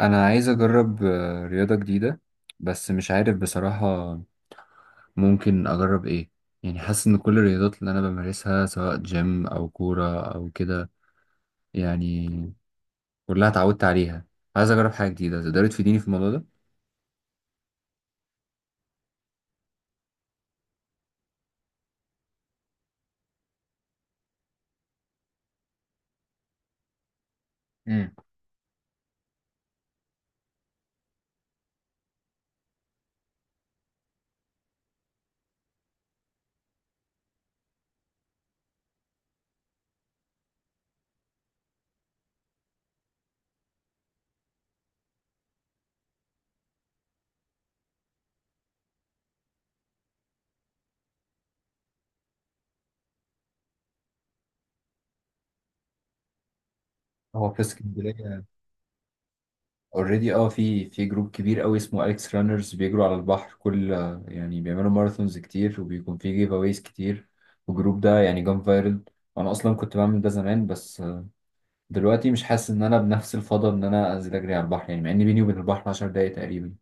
انا عايز اجرب رياضة جديدة، بس مش عارف بصراحة ممكن اجرب ايه. يعني حاسس ان كل الرياضات اللي انا بمارسها سواء جيم او كورة او كده، يعني كلها اتعودت عليها. عايز اجرب حاجة جديدة تقدري تفيديني في الموضوع ده. امم هو في اسكندرية اوريدي اه، في جروب كبير قوي اسمه اليكس رانرز بيجروا على البحر كل يعني، بيعملوا ماراثونز كتير وبيكون في جيف اويز كتير، والجروب ده يعني جام فايرل. وانا اصلا كنت بعمل ده زمان، بس دلوقتي مش حاسس ان انا بنفس الفضل ان انا انزل اجري على البحر، يعني مع ان بيني وبين البحر 10 دقايق تقريبا.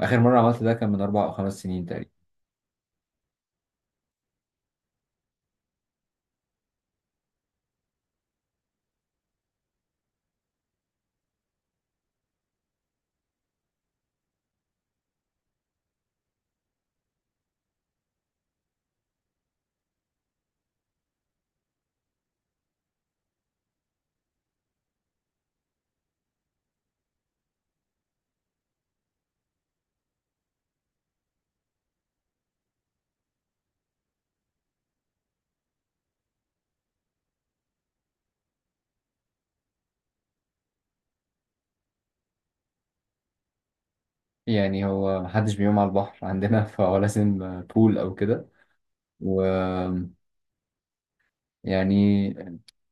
اخر مره عملت ده كان من اربع او خمس سنين تقريبا. يعني هو محدش بيقوم على البحر عندنا فولا سن بول او كده، و يعني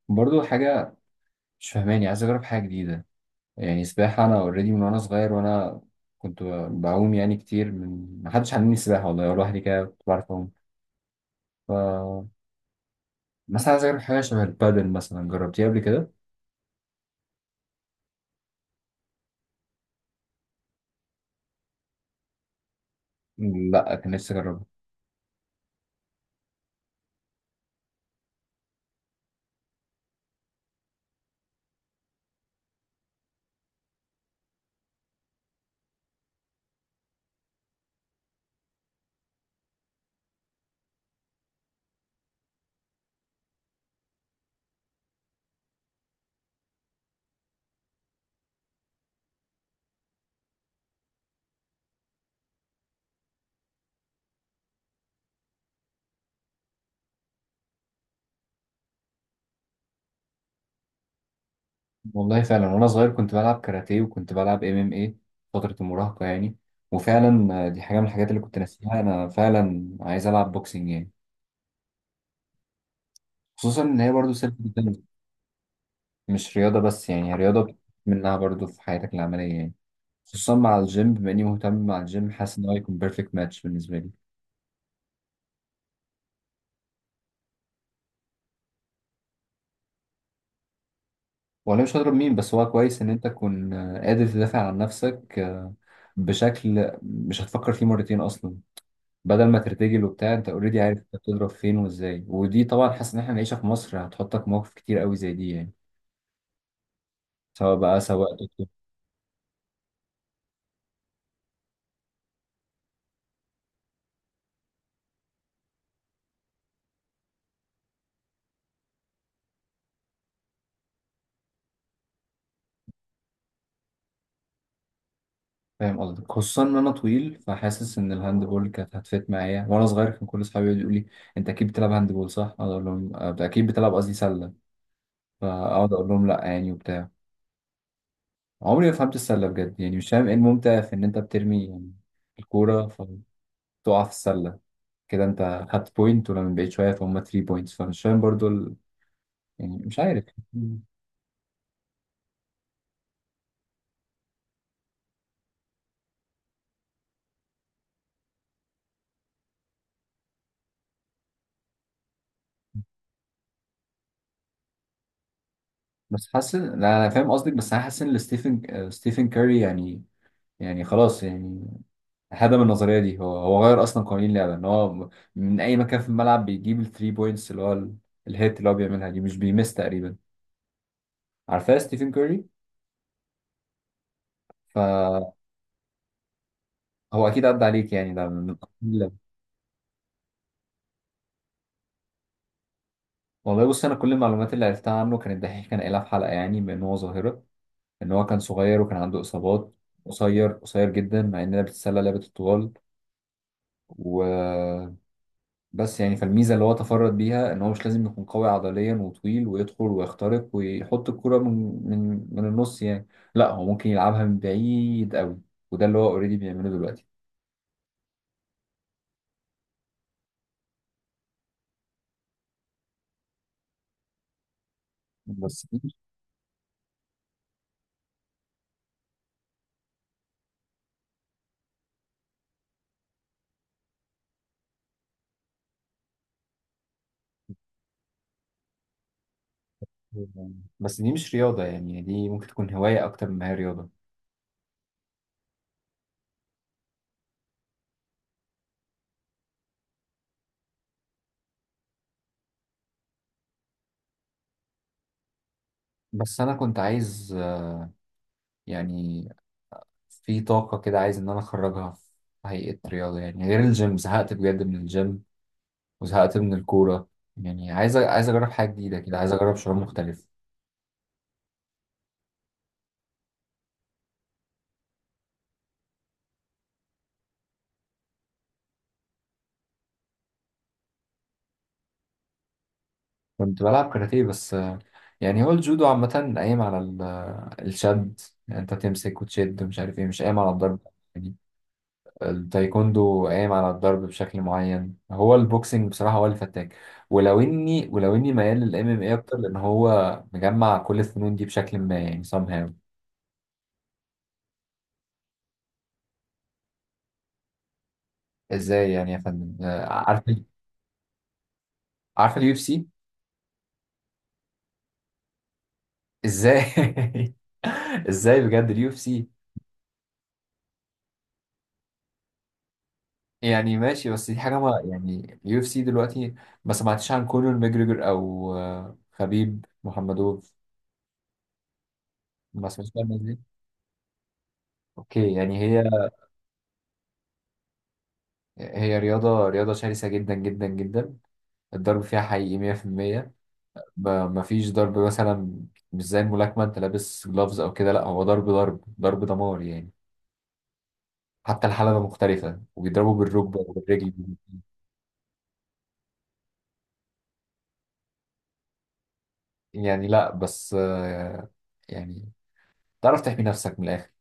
برضو حاجه مش فاهماني، عايز اجرب حاجه جديده. يعني سباحه انا اوريدي من وانا صغير، وانا كنت بعوم يعني كتير، من محدش علمني السباحه والله، لوحدي كده كنت بعرف اعوم. ف مثلا عايز اجرب حاجه شبه البادل، مثلا جربتيها قبل كده؟ لا كان نفسي اجربها. والله فعلا وانا صغير كنت بلعب كاراتيه وكنت بلعب ام ام اي فتره المراهقه يعني. وفعلا دي حاجه من الحاجات اللي كنت ناسيها، انا فعلا عايز العب بوكسنج يعني. خصوصا ان هي برضه سيلف ديفنس، مش رياضه بس، يعني هي رياضه بتستفيد منها برضه في حياتك العمليه يعني. خصوصا مع الجيم، بما اني مهتم مع الجيم، حاسس ان هو هيكون بيرفكت ماتش بالنسبه لي. وانا مش هضرب مين، بس هو كويس ان انت تكون قادر تدافع عن نفسك بشكل مش هتفكر فيه مرتين اصلا، بدل ما ترتجل وبتاع. انت اوريدي عارف انت بتضرب فين وازاي، ودي طبعا حاسس ان احنا العيشه في مصر هتحطك مواقف كتير قوي زي دي يعني، سواء بقى سواء دكتور. فاهم قصدك، خصوصا ان انا طويل، فحاسس ان الهاندبول كانت هتفت معايا. وانا صغير كان كل اصحابي يقعدوا يقولوا لي: انت اكيد بتلعب هاندبول صح؟ اقعد اقول لهم اكيد بتلعب"، قصدي سله، فاقعد اقول لهم لا يعني وبتاع. عمري ما فهمت السله بجد، يعني مش فاهم ايه الممتع في ان انت بترمي يعني الكوره فتقع في السله، كده انت خدت بوينت، ولما بقيت شويه فهم 3 بوينتس، فمش فاهم برضو ال... يعني مش عارف. بس حاسس إن- لا انا فاهم قصدك، بس انا حاسس ان ستيفن ستيفن كاري يعني، يعني خلاص يعني هدم النظريه دي. هو غير اصلا قوانين اللعبه، ان هو من اي مكان في الملعب بيجيب الثري بوينتس، اللي هو ال- الهيت اللي هو بيعملها دي مش بيمس تقريبا. عارفاه ستيفن كاري؟ فهو اكيد عدى عليك يعني، ده من قوانين اللعبة. والله بص، انا كل المعلومات اللي عرفتها عنه كان الدحيح كان قايلها في حلقه، يعني بان هو ظاهره ان هو كان صغير وكان عنده اصابات، قصير قصير جدا، مع اننا بتتسلى لعبه الطوال. و بس يعني فالميزة اللي هو تفرد بيها ان هو مش لازم يكون قوي عضليا وطويل ويدخل ويخترق ويحط الكرة من من النص يعني، لا هو ممكن يلعبها من بعيد قوي، وده اللي هو اوريدي بيعمله دلوقتي. بس دي مش بس دي مش رياضة يعني، دي ممكن تكون هواية أكتر ما هي رياضة. بس أنا كنت عايز يعني في طاقة كده عايز إن أنا أخرجها في هيئة رياضة، يعني غير الجيم، زهقت بجد من الجيم وزهقت من الكورة، يعني عايز أجرب حاجة جديدة كده، عايز أجرب شعور مختلف. كنت بلعب كاراتيه بس، يعني هو الجودو عامة قايم على ال- الشد، يعني انت تمسك وتشد ومش عارف ايه، مش قايم على الضرب يعني. التايكوندو قايم على الضرب بشكل معين، هو البوكسنج بصراحة هو اللي فتاك، ولو اني ميال للام ام اي اكتر، لان هو مجمع كل الفنون دي بشكل ما يعني somehow. ازاي يعني يا فندم عارف، عارف اليو اف سي ازاي؟ ازاي بجد اليو اف سي؟ يعني ماشي بس دي حاجة ما يعني، يو اف سي دلوقتي ما سمعتش عن كونر ماجريجر أو خبيب محمدوف؟ ما سمعتش عن الناس دي؟ أوكي يعني هي، هي رياضة رياضة شرسة جدا جدا جدا، الضرب فيها حقيقي 100%، ما فيش ضرب مثلا مش زي الملاكمة أنت لابس جلافز أو كده، لا هو ضرب ضرب ضرب دمار يعني، حتى الحلبة مختلفة وبيضربوا بالركبة وبالرجل. يعني لا بس يعني تعرف تحمي نفسك من الآخر.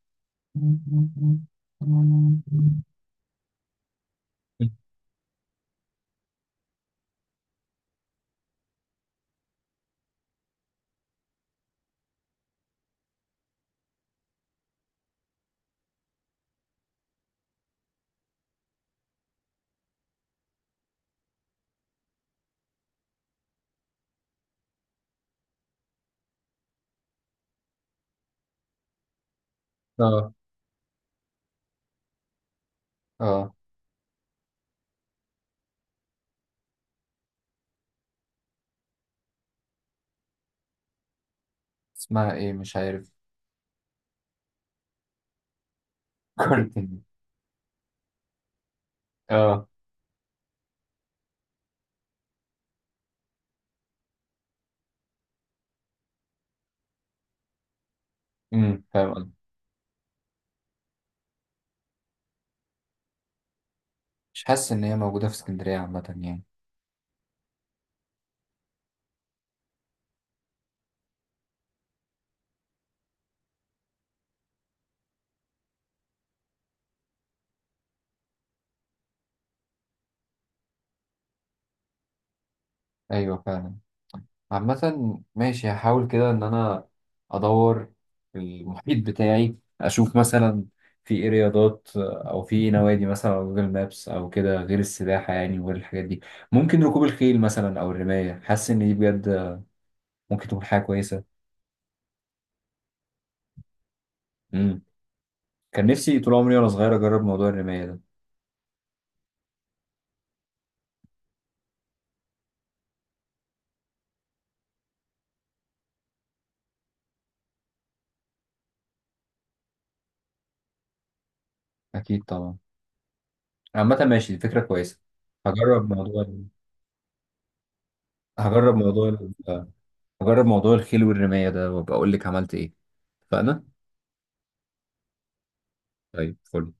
اه، اه، اسمها ايه مش عارف، كورتين، اه. فاهم قصدي. مش حاسس ان هي موجودة في اسكندرية عامة يعني. ايوه فعلا، عامة ماشي، هحاول كده ان انا ادور في المحيط بتاعي، اشوف مثلا في ايه رياضات او في ايه نوادي مثلا على جوجل مابس او كده، غير السباحة يعني وغير الحاجات دي. ممكن ركوب الخيل مثلا او الرماية، حاسس ان دي بجد ممكن تكون حاجة كويسة. مم. كان نفسي طول عمري وانا صغير اجرب موضوع الرماية ده. اكيد طبعا، عامة ماشي دي فكرة كويسة. هجرب موضوع ال- هجرب موضوع ال- هجرب موضوع الخيل والرماية ده، وابقى اقول لك عملت ايه. اتفقنا، طيب فل